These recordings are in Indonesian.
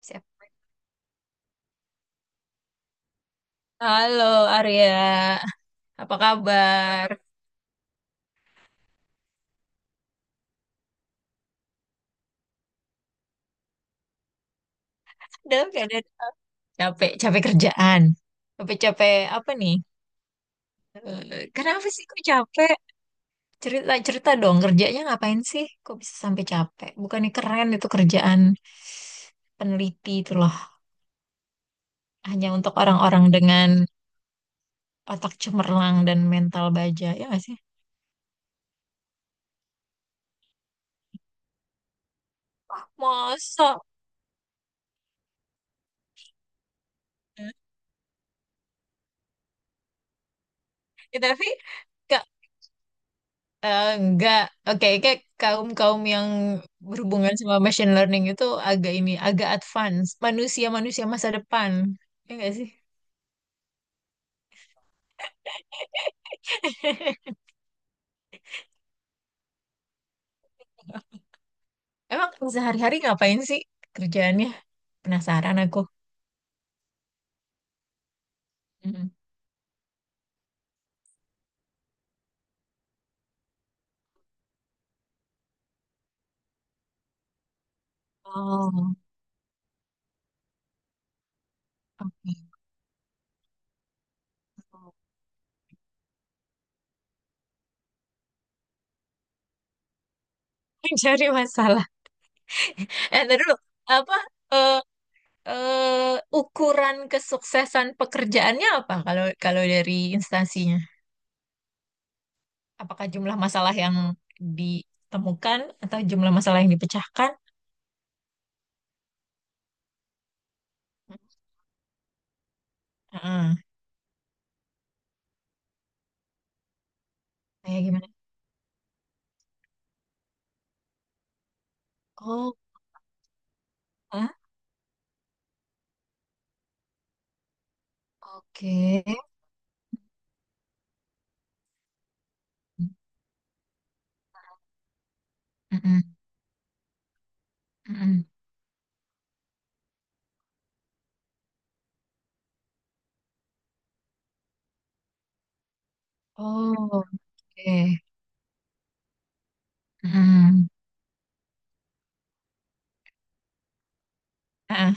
Siap. Halo Arya, apa kabar? Dalam keadaan apa? Capek, capek kerjaan, capek-capek apa nih? Kenapa sih kok capek? Cerita cerita dong kerjanya ngapain sih? Kok bisa sampai capek? Bukannya keren itu kerjaan peneliti itu loh, hanya untuk orang-orang dengan otak cemerlang dan mental baja ya nggak sih? Wah, masa? Eh, tapi nggak Eh, enggak, oke, kayak kaum-kaum yang berhubungan sama machine learning itu agak ini, agak advance. Manusia-manusia masa depan. Ya enggak sih? Emang sehari-hari ngapain sih kerjaannya? Penasaran aku. Mhm. Oh, oke. Mencari masalah. Eh, ntar dulu. Apa, eh, ukuran kesuksesan pekerjaannya apa kalau kalau dari instansinya? Apakah jumlah masalah yang ditemukan atau jumlah masalah yang dipecahkan? Heeh. Kayak gimana? Oh, hah? Oke. Heeh. Heeh. Oh, oke. Heeh. Heeh.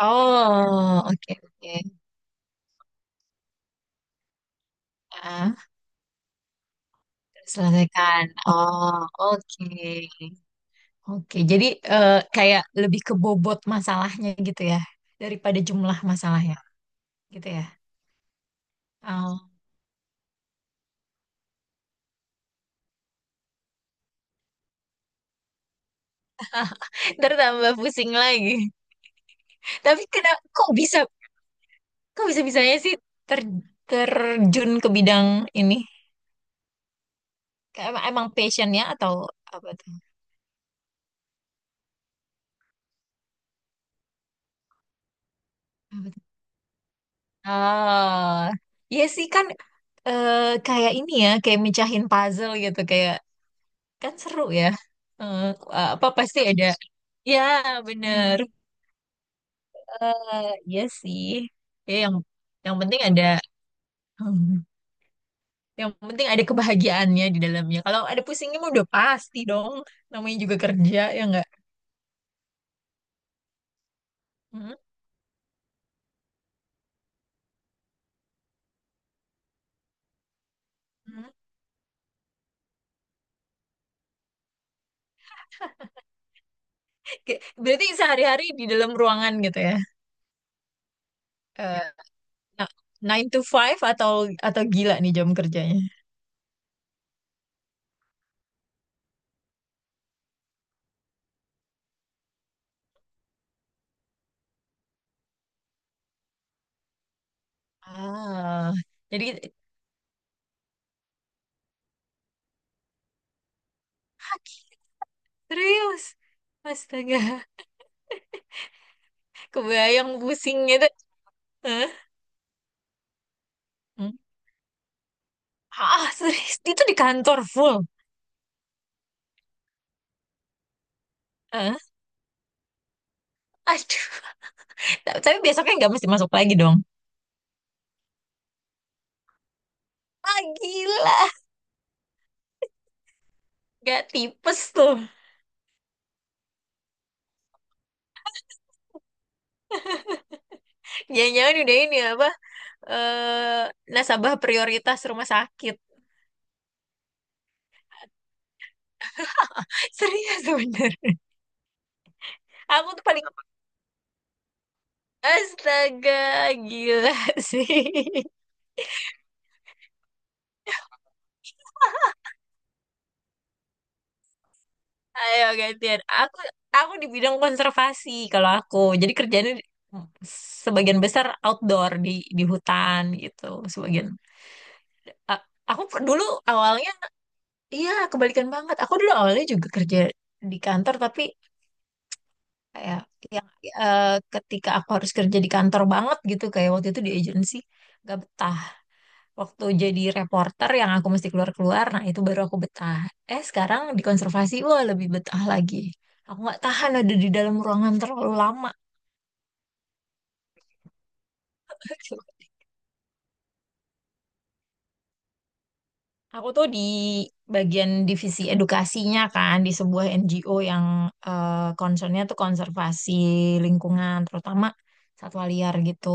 Oh, oke, oke. Heeh. Selesaikan. Oh, oke. Oke, jadi kayak lebih ke bobot masalahnya gitu ya, daripada jumlah masalahnya gitu ya. Oh. Ntar tambah pusing lagi. Tapi kenapa kok bisa kok bisa-bisanya sih ter- terjun ke bidang ini? Emang passionnya atau apa tuh? Apa tuh? Ah, ya sih kan eh, kayak ini ya, kayak mecahin puzzle gitu, kayak kan seru ya. Eh, apa pasti ada? Ya bener. Eh, ya sih. Ya yang penting ada, hmm, yang penting ada kebahagiaannya di dalamnya. Kalau ada pusingnya mah udah pasti dong. Namanya juga kerja ya enggak. Hmm? Hmm. Berarti sehari-hari di dalam ruangan gitu ya. Eh, Nah, Nine to five atau gila nih jam kerjanya? Ah, jadi kaki serius. Astaga, kebayang pusingnya tuh. Hah? Hmm? Ah, serius itu di kantor full. Hah? Aduh, tapi besoknya nggak mesti masuk lagi dong. Ah, gila, nggak tipes tuh. Jangan-jangan udah ini apa? Eh, nasabah prioritas rumah sakit. Serius bener. Aku tuh paling astaga, gila sih. Ayo gantian. Aku di bidang konservasi kalau aku. Jadi sebagian besar outdoor di hutan gitu. Sebagian A- aku per- dulu awalnya Iya kebalikan banget. Aku dulu awalnya juga kerja di kantor tapi kayak yang eh, ketika aku harus kerja di kantor banget gitu kayak waktu itu di agensi gak betah. Waktu jadi reporter yang aku mesti keluar-keluar, nah itu baru aku betah. Eh sekarang di konservasi, wah lebih betah lagi. Aku nggak tahan ada di dalam ruangan terlalu lama. Aku tuh di bagian divisi edukasinya kan, di sebuah NGO yang concernnya tuh konservasi lingkungan, terutama satwa liar gitu.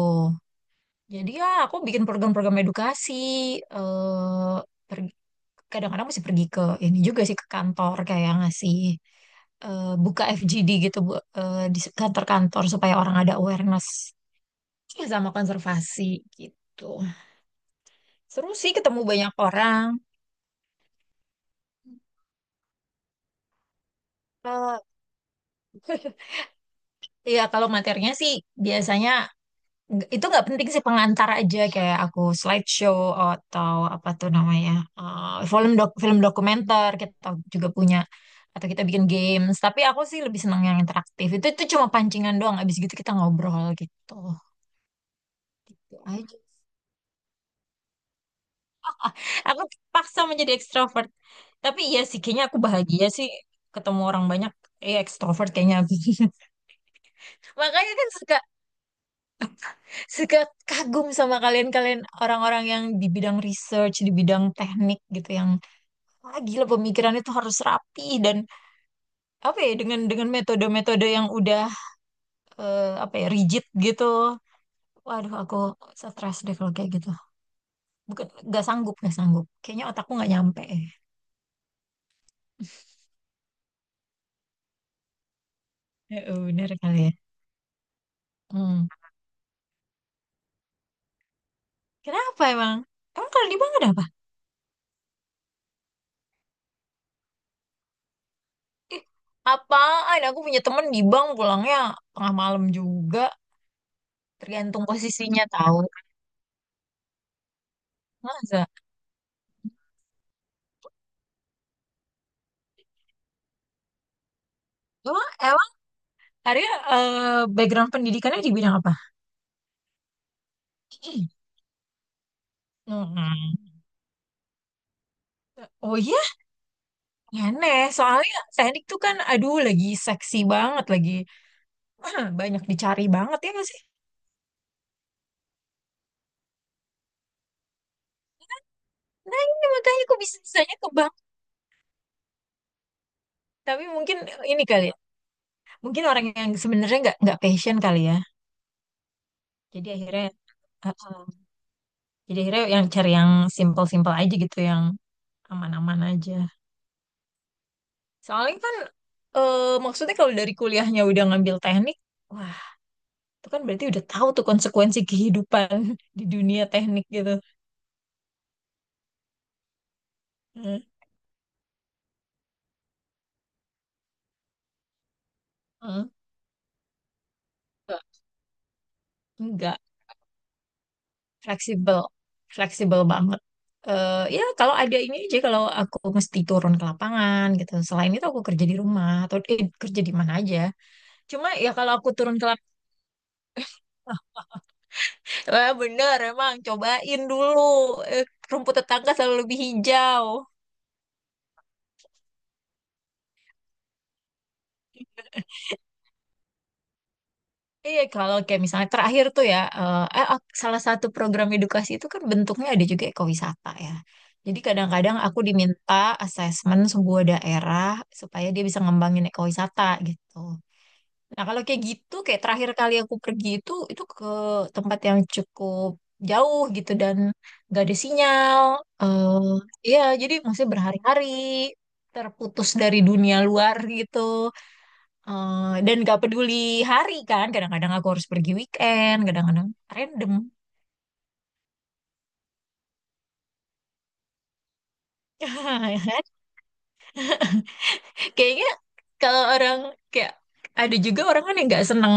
Jadi ya aku bikin program-program edukasi, eh pergi- kadang-kadang mesti pergi ke ini juga sih ke kantor kayak ngasih buka FGD gitu Bu, di kantor-kantor supaya orang ada awareness ya sama konservasi gitu. Seru sih ketemu banyak orang. Eh, Iya, kalau materinya sih biasanya itu nggak penting sih pengantar aja kayak aku slideshow atau apa tuh namanya eh, film dokumenter kita juga punya atau kita bikin games tapi aku sih lebih seneng yang interaktif itu cuma pancingan doang abis gitu kita ngobrol gitu gitu aja aku paksa menjadi ekstrovert tapi iya sih kayaknya aku bahagia sih ketemu orang banyak ekstrovert kayaknya aku. Makanya kan suka suka kagum sama kalian-kalian orang-orang yang di bidang research di bidang teknik gitu yang wah, gila pemikiran itu harus rapi dan apa ya dengan metode-metode yang udah apa ya rigid gitu. Waduh, aku stres deh kalau kayak gitu. Bukan nggak sanggup, nggak sanggup. Kayaknya otakku nggak nyampe. Ya, bener kali ya. Hmm. Kenapa emang? Emang kalau di bank ada apa? Ih, apaan? Aku punya temen di bank pulangnya tengah malam juga. Tergantung posisinya tahu. Masa? Emang Arya background pendidikannya di bidang apa? Hmm. Oh iya. Aneh, soalnya teknik tuh kan aduh lagi seksi banget, lagi ah, banyak dicari banget ya nggak sih? Nah ini makanya aku bisa-bisanya ke bank. Tapi mungkin ini kali ya, mungkin orang yang sebenarnya nggak passion kali ya. Jadi akhirnya, uh, uh, jadi akhirnya yang cari yang simple-simple aja gitu, yang aman-aman aja. Soalnya kan maksudnya kalau dari kuliahnya udah ngambil teknik, wah itu kan berarti udah tahu tuh konsekuensi kehidupan di dunia teknik gitu. Hmm. Hmm. Enggak. Fleksibel fleksibel banget. Ya kalau ada ini aja kalau aku mesti turun ke lapangan gitu selain itu aku kerja di rumah atau kerja di mana aja cuma ya kalau aku turun ke lapangan wah bener emang cobain dulu. Eh, rumput tetangga selalu lebih hijau. Iya, kalau kayak misalnya terakhir tuh ya, salah satu program edukasi itu kan bentuknya ada juga ekowisata ya. Jadi kadang-kadang aku diminta asesmen sebuah daerah supaya dia bisa ngembangin ekowisata gitu. Nah, kalau kayak gitu, kayak terakhir kali aku pergi itu ke tempat yang cukup jauh gitu dan gak ada sinyal. eh iya, jadi masih berhari-hari terputus dari dunia luar gitu. Dan gak peduli hari kan, kadang-kadang aku harus pergi weekend, kadang-kadang random. Kayaknya kalau orang kayak ada juga orang kan yang nggak seneng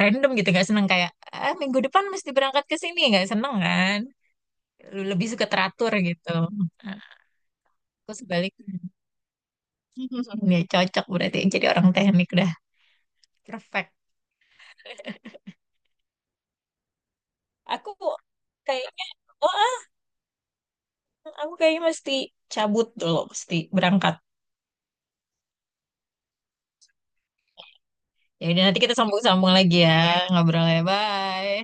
random gitu, nggak seneng kayak ah, minggu depan mesti berangkat ke sini, nggak seneng kan? Lebih suka teratur gitu. Aku sebaliknya. Ya cocok berarti jadi orang teknik dah. Perfect. Aku kayaknya oh, ah, aku kayaknya mesti cabut dulu, mesti berangkat. Ya udah nanti kita sambung-sambung lagi ya. Ngobrolnya bye.